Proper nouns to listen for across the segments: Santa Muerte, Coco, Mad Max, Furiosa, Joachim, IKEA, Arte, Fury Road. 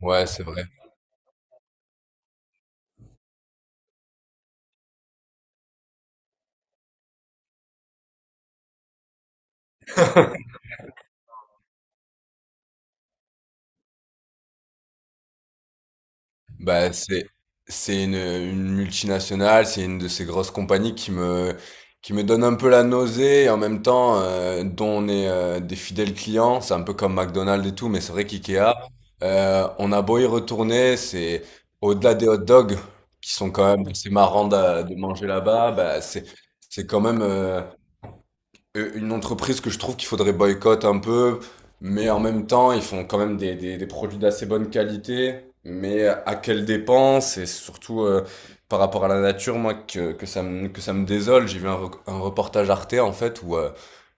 Ouais, c'est vrai. Bah, c'est une multinationale, c'est une de ces grosses compagnies qui me donne un peu la nausée et en même temps, dont on est, des fidèles clients. C'est un peu comme McDonald's et tout, mais c'est vrai qu'IKEA, on a beau y retourner, c'est au-delà des hot dogs qui sont quand même assez marrants de manger là-bas. Bah, c'est quand même, une entreprise que je trouve qu'il faudrait boycotter un peu, mais en même temps, ils font quand même des produits d'assez bonne qualité, mais à quelle dépense et surtout, par rapport à la nature, moi, que ça me désole. J'ai vu un reportage Arte, en fait, où,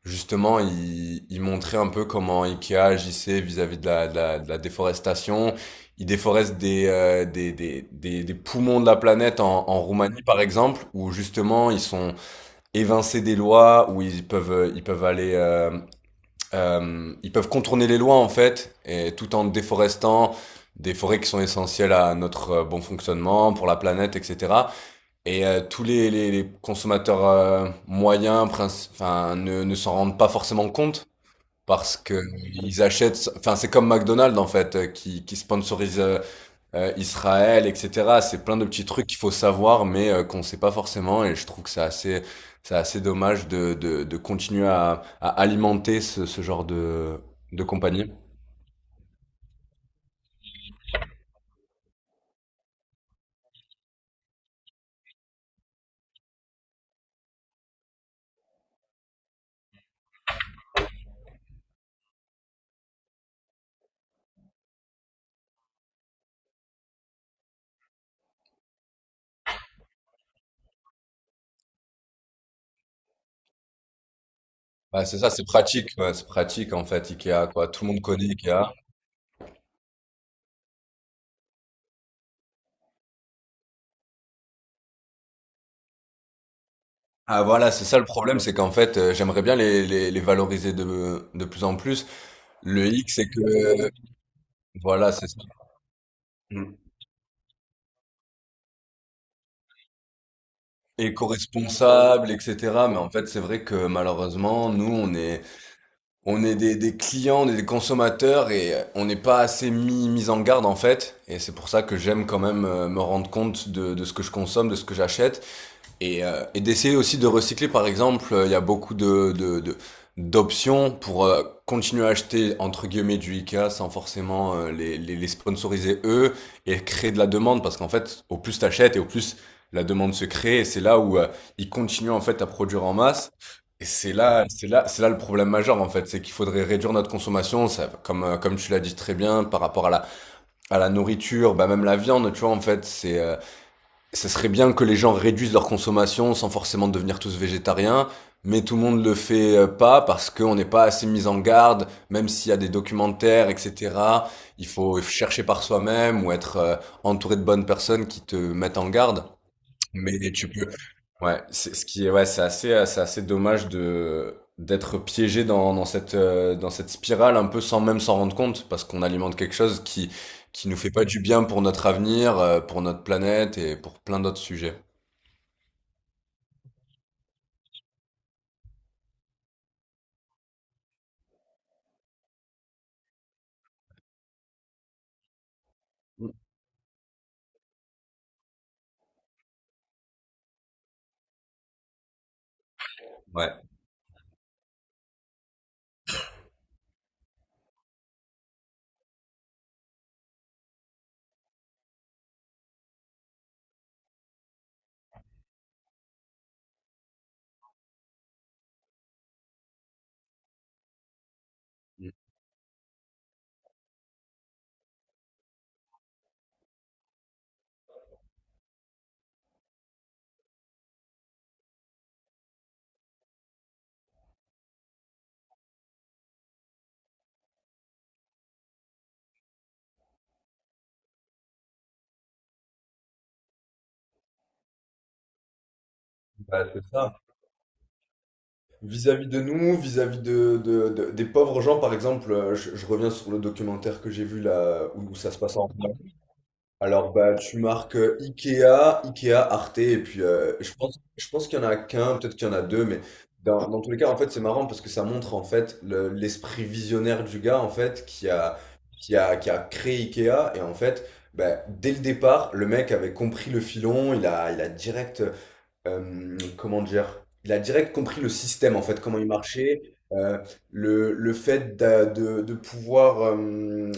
justement, il montrait un peu comment Ikea agissait vis-à-vis de la déforestation. Il déforeste des poumons de la planète en Roumanie, par exemple, où justement, ils sont évincer des lois où ils peuvent aller, ils peuvent contourner les lois en fait et tout en déforestant des forêts qui sont essentielles à notre, bon fonctionnement pour la planète etc. Et, tous les consommateurs, moyens, enfin, ne s'en rendent pas forcément compte parce que ils achètent, enfin, c'est comme McDonald's, en fait, qui sponsorise, Israël et cetera. C'est plein de petits trucs qu'il faut savoir, mais, qu'on sait pas forcément, et je trouve que c'est assez, c'est assez dommage de de continuer à alimenter ce genre de compagnie. Bah, c'est ça, c'est pratique, ouais, c'est pratique, en fait, IKEA, quoi. Tout le monde connaît IKEA. Ah, voilà, c'est ça le problème, c'est qu'en fait, j'aimerais bien les valoriser de plus en plus. Le hic, c'est que voilà, c'est ça. Éco-responsable, etc. Mais en fait, c'est vrai que malheureusement, nous, on est des clients, on est des consommateurs et on n'est pas assez mis en garde, en fait. Et c'est pour ça que j'aime quand même, me rendre compte de ce que je consomme, de ce que j'achète. Et d'essayer aussi de recycler, par exemple. Il y a beaucoup d'options pour, continuer à acheter, entre guillemets, du IKEA sans forcément, les sponsoriser eux et créer de la demande, parce qu'en fait, au plus t'achètes et au plus la demande se crée, et c'est là où, ils continuent en fait à produire en masse. Et c'est là le problème majeur en fait, c'est qu'il faudrait réduire notre consommation, ça, comme tu l'as dit très bien, par rapport à la nourriture, bah même la viande, tu vois, en fait, ce serait bien que les gens réduisent leur consommation sans forcément devenir tous végétariens, mais tout le monde le fait, pas, parce qu'on n'est pas assez mis en garde, même s'il y a des documentaires, etc. Il faut chercher par soi-même ou être, entouré de bonnes personnes qui te mettent en garde. Mais tu peux. Ouais, c'est ce qui est ouais, c'est assez, c'est assez dommage de d'être piégé dans cette, dans cette spirale un peu, sans même s'en rendre compte, parce qu'on alimente quelque chose qui nous fait pas du bien pour notre avenir, pour notre planète et pour plein d'autres sujets. Mm. Ouais. Mm. Bah, c'est ça. Vis-à-vis de nous, vis-à-vis des pauvres gens, par exemple. Je reviens sur le documentaire que j'ai vu là où ça se passe en. Alors bah tu marques, Ikea, Ikea, Arte, et puis, je pense qu'il y en a qu'un, peut-être qu'il y en a deux. Mais dans tous les cas, en fait, c'est marrant parce que ça montre en fait l'esprit visionnaire du gars en fait qui a créé Ikea. Et en fait, bah, dès le départ le mec avait compris le filon, il a direct, comment dire? Il a direct compris le système en fait, comment il marchait. heu, le fait d'a de pouvoir, hem,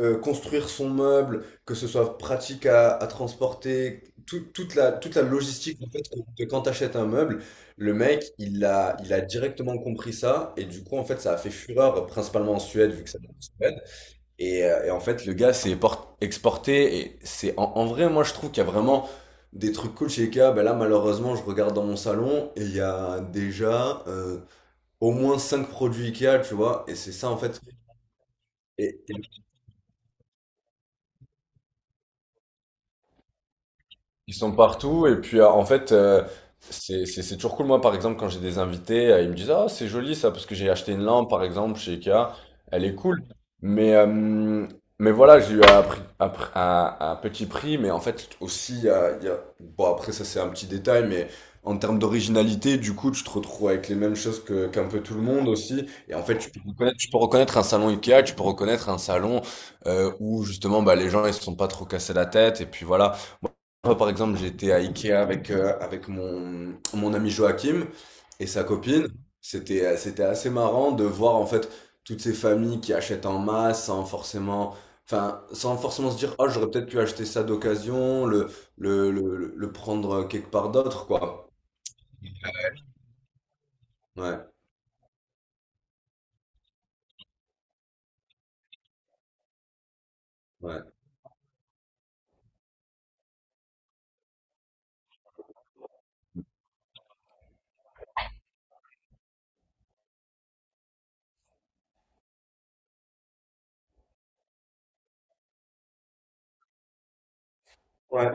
heu, construire son meuble, que ce soit pratique à transporter, toute la logistique en fait, que quand tu achètes un meuble, le mec il a directement compris ça. Et du coup, en fait, ça a fait fureur, principalement en Suède vu que ça. Et en fait, le gars s'est exporté. Et c'est, en vrai, moi, je trouve qu'il y a vraiment des trucs cool chez IKEA. Ben là, malheureusement, je regarde dans mon salon et il y a déjà, au moins 5 produits IKEA, tu vois. Et c'est ça, en fait. Et ils sont partout, et puis, en fait, c'est toujours cool, moi par exemple quand j'ai des invités, ils me disent ah c'est joli ça, parce que j'ai acheté une lampe par exemple chez Ikea, elle est cool, mais, mais voilà, j'ai eu à, prix- à pr- à petit prix. Mais en fait aussi, bon, après, ça c'est un petit détail, mais en termes d'originalité, du coup tu te retrouves avec les mêmes choses que qu'un peu tout le monde aussi, et en fait tu peux reconnaître un salon Ikea, tu peux reconnaître un salon, où justement bah, les gens ils se sont pas trop cassés la tête, et puis voilà. Moi, par exemple, j'étais à Ikea avec mon ami Joachim et sa copine. Mhm. C'était assez marrant de voir en fait toutes ces familles qui achètent en masse, sans forcément, enfin, sans forcément se dire, oh, j'aurais peut-être pu acheter ça d'occasion, le prendre quelque part d'autre, quoi. Ouais, ouais. Ouais.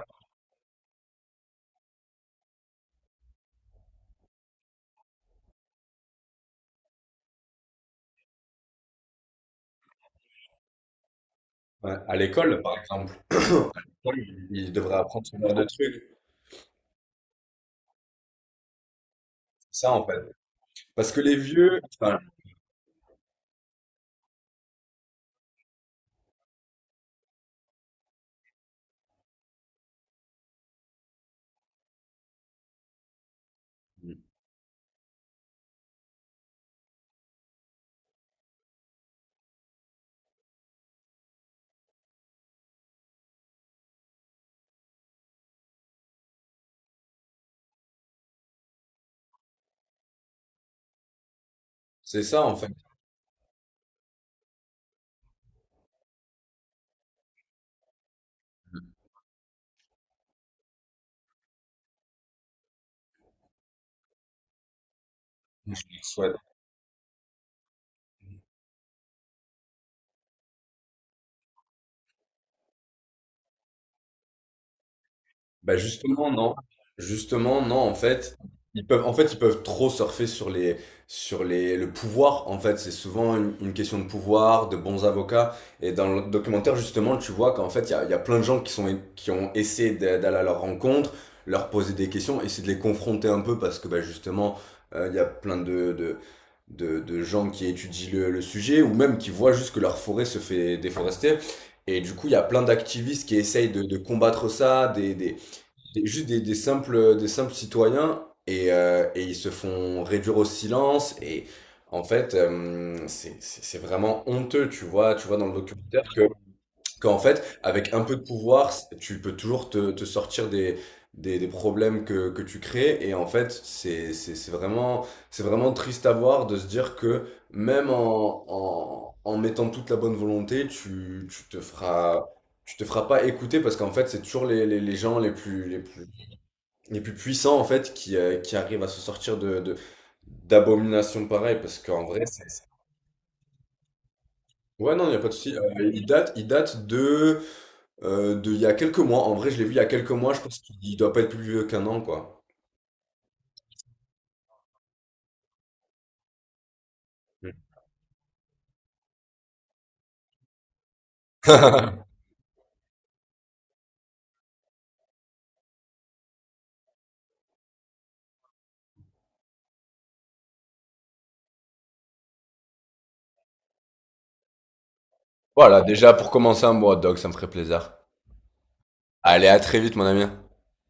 Ouais. À l'école, par exemple, ils devraient apprendre ce genre de trucs. C'est ça, en fait. Parce que les vieux, enfin, c'est ça, en fait. Je leur souhaite. Bah justement, non. Justement non, en fait, ils peuvent trop surfer sur les, sur les le pouvoir, en fait, c'est souvent une question de pouvoir, de bons avocats. Et dans le documentaire, justement, tu vois qu'en fait il y a plein de gens qui ont essayé d'aller à leur rencontre, leur poser des questions, essayer de les confronter un peu, parce que bah justement, il y a plein de gens qui étudient le sujet, ou même qui voient juste que leur forêt se fait déforester. Et du coup, il y a plein d'activistes qui essayent de combattre ça, des- juste des simples citoyens. Et ils se font réduire au silence, et en fait, c'est vraiment honteux, tu vois dans le documentaire que qu'en fait avec un peu de pouvoir, tu peux toujours te sortir des problèmes que tu crées. Et en fait, c'est vraiment triste à voir, de se dire que, même en mettant toute la bonne volonté, tu te feras pas écouter, parce qu'en fait c'est toujours les gens les plus puissants en fait qui arrivent à se sortir de d'abominations pareilles, parce qu'en vrai c'est. Ouais non, il n'y a pas de souci. Il date de, il y a quelques mois, en vrai je l'ai vu il y a quelques mois, je pense qu'il doit pas être plus vieux qu'un an, quoi. Voilà, déjà pour commencer un bon hot dog, ça me ferait plaisir. Allez, à très vite, mon ami.